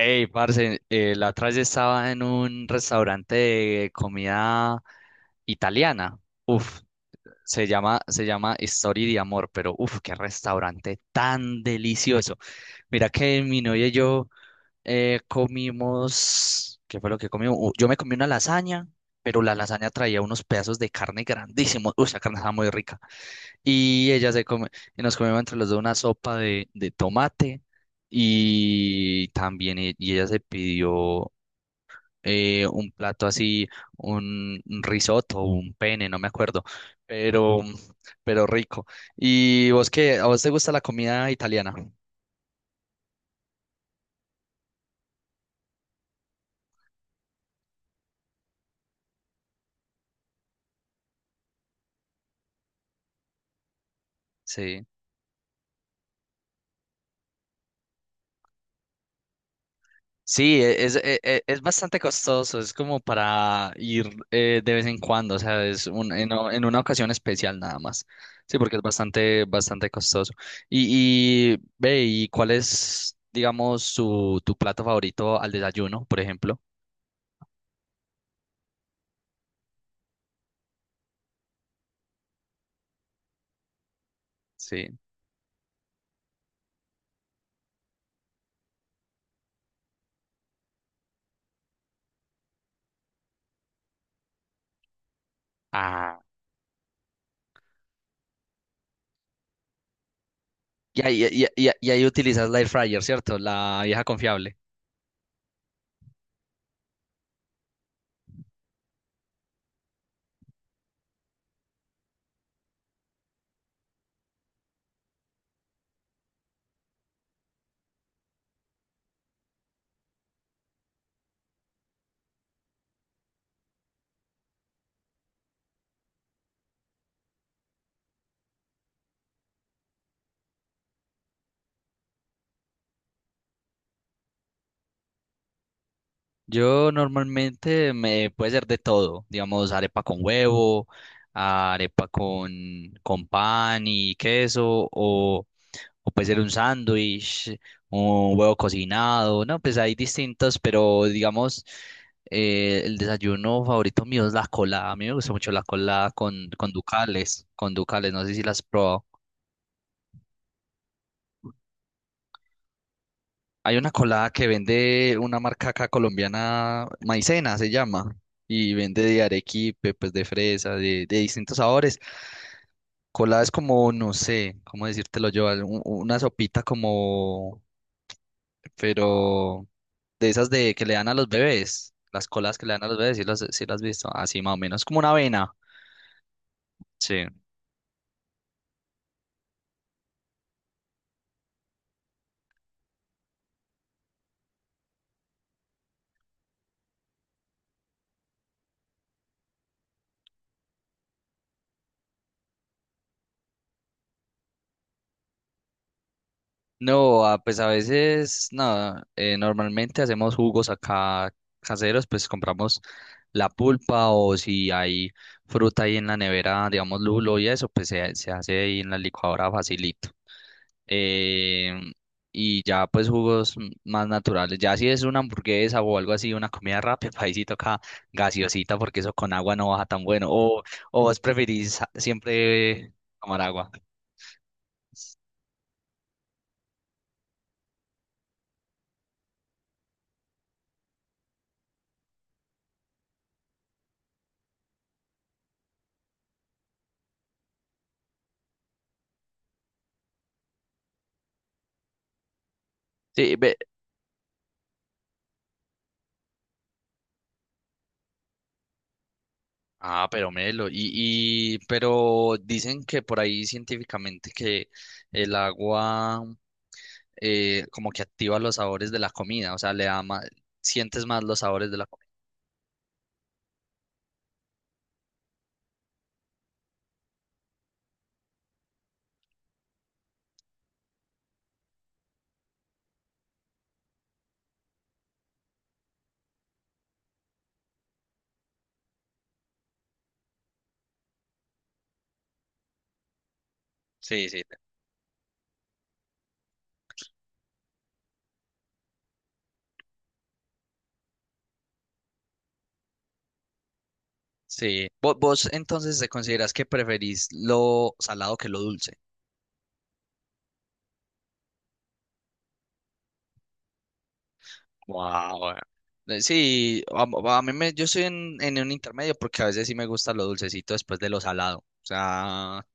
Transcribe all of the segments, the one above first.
Ey, parce, la otra vez estaba en un restaurante de comida italiana. Uf, se llama Story de Amor, pero uf, qué restaurante tan delicioso. Mira que mi novia y yo comimos, ¿qué fue lo que comimos? Yo me comí una lasaña, pero la lasaña traía unos pedazos de carne grandísimos. Uy, esa carne estaba muy rica. Y ella se come, y nos comemos entre los dos una sopa de tomate y también y ella se pidió un plato así, un risotto, un pene, no me acuerdo, pero, pero rico. ¿Y vos qué? ¿A vos te gusta la comida italiana? Sí. Sí, es, es bastante costoso, es como para ir de vez en cuando, o sea, es un, en, o- en una ocasión especial nada más. Sí, porque es bastante, bastante costoso. Y ve, ¿y cuál es, digamos, tu plato favorito al desayuno, por ejemplo? Sí. Ah. Y ahí utilizas la air fryer, ¿cierto? La vieja confiable. Yo normalmente me puede ser de todo, digamos arepa con huevo, arepa con, con pan y queso, o puede ser un sándwich, un huevo cocinado, no, pues hay distintos, pero digamos el desayuno favorito mío es la colada, a mí me gusta mucho la colada con ducales, no sé si las has probado. Hay una colada que vende una marca acá colombiana, Maicena se llama, y vende de arequipe, pues de fresa, de distintos sabores. Colada es como, no sé, cómo decírtelo yo, una sopita como, pero de esas de que le dan a los bebés, las coladas que le dan a los bebés, si las, sí las has visto, así más o menos, como una avena, sí. No, ah, pues a veces, nada, normalmente hacemos jugos acá caseros, pues compramos la pulpa o si hay fruta ahí en la nevera, digamos lulo y eso, pues se hace ahí en la licuadora facilito. Eh, y ya pues jugos más naturales. Ya si es una hamburguesa o algo así, una comida rápida, ahí sí toca gaseosita porque eso con agua no baja tan bueno. O vos preferís siempre tomar agua. Sí, Ah, pero Melo, pero dicen que por ahí científicamente que el agua como que activa los sabores de la comida, o sea, le da más, sientes más los sabores de la comida. Sí, sí. Sí. ¿Vos, entonces te considerás que preferís lo salado que lo dulce? Wow. Sí, a mí me, yo estoy en un intermedio porque a veces sí me gusta lo dulcecito después de lo salado, o sea,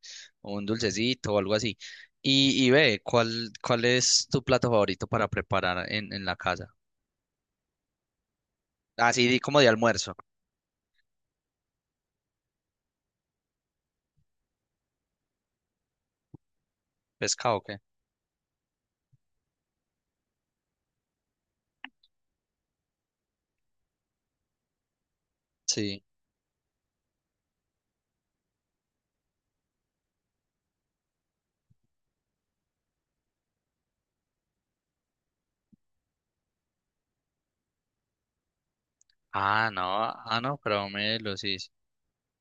un dulcecito o algo así. Y ve, ¿cuál, cuál es tu plato favorito para preparar en la casa? Así di como de almuerzo, pescado, ¿o qué? Sí. Ah, no, ah, no, pero me los hice.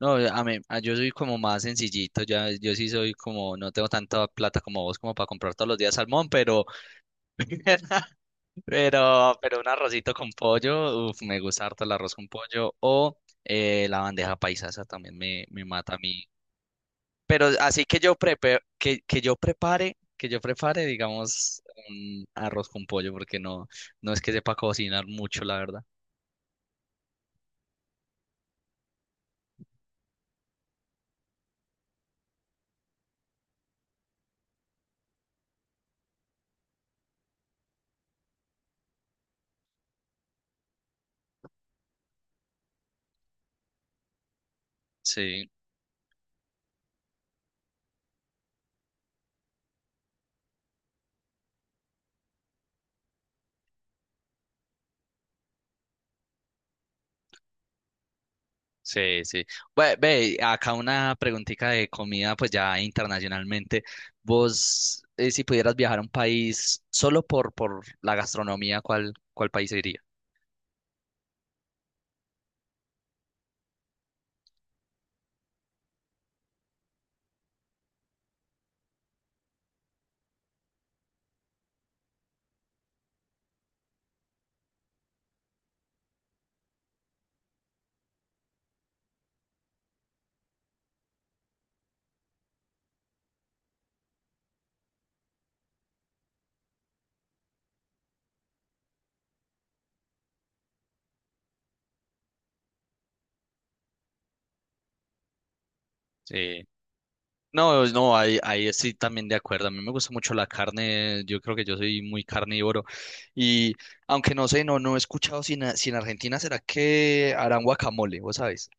No, a mí, yo soy como más sencillito, ya, yo sí soy como, no tengo tanta plata como vos como para comprar todos los días salmón, pero pero un arrocito con pollo, uf, me gusta harto el arroz con pollo, o la bandeja paisa, esa también me mata a mí. Pero así que yo prepe- que yo prepare, digamos, un arroz con pollo, porque no, no es que sepa cocinar mucho, la verdad. Sí. Sí, sí. Ve, ve, acá una preguntita de comida, pues ya internacionalmente. Vos, si pudieras viajar a un país solo por la gastronomía, ¿cuál, cuál país iría? Sí. No, no, ahí, ahí sí también de acuerdo. A mí me gusta mucho la carne. Yo creo que yo soy muy carnívoro. Y aunque no sé, no, no he escuchado si en, Argentina será que harán guacamole, ¿vos sabes?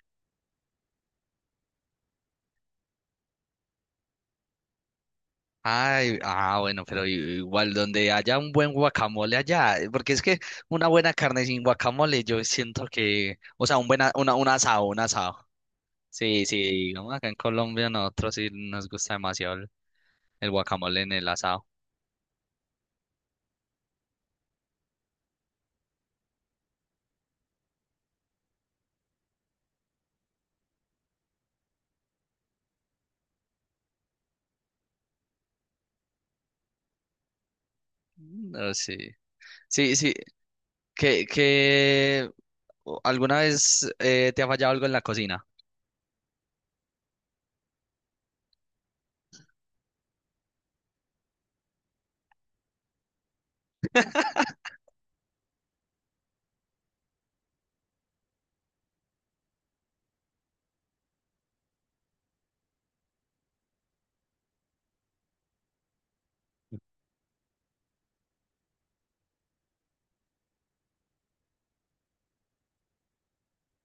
Ay, ah, bueno, igual donde haya un buen guacamole allá, porque es que una buena carne sin guacamole, yo siento que, o sea, un asado, un asado. Sí, sí, digamos acá en Colombia nosotros sí nos gusta demasiado el guacamole en el asado. Mm, ah, sí, sí, sí, que alguna vez te ha fallado algo en la cocina.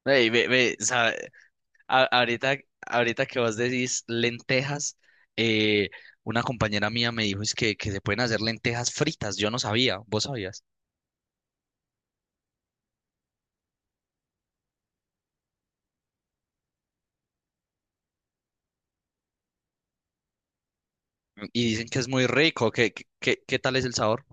Ey, ve, ve, ahorita, ahorita que vos decís lentejas, eh, una compañera mía me dijo es que se pueden hacer lentejas fritas. Yo no sabía, vos sabías. Y dicen que es muy rico. ¿Qué, qué, qué tal es el sabor?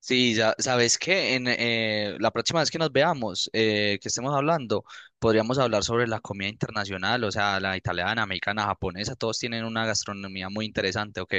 Sí, ya sabes que en la próxima vez que nos veamos, que estemos hablando, podríamos hablar sobre la comida internacional, o sea, la italiana, americana, japonesa, todos tienen una gastronomía muy interesante, ¿ok?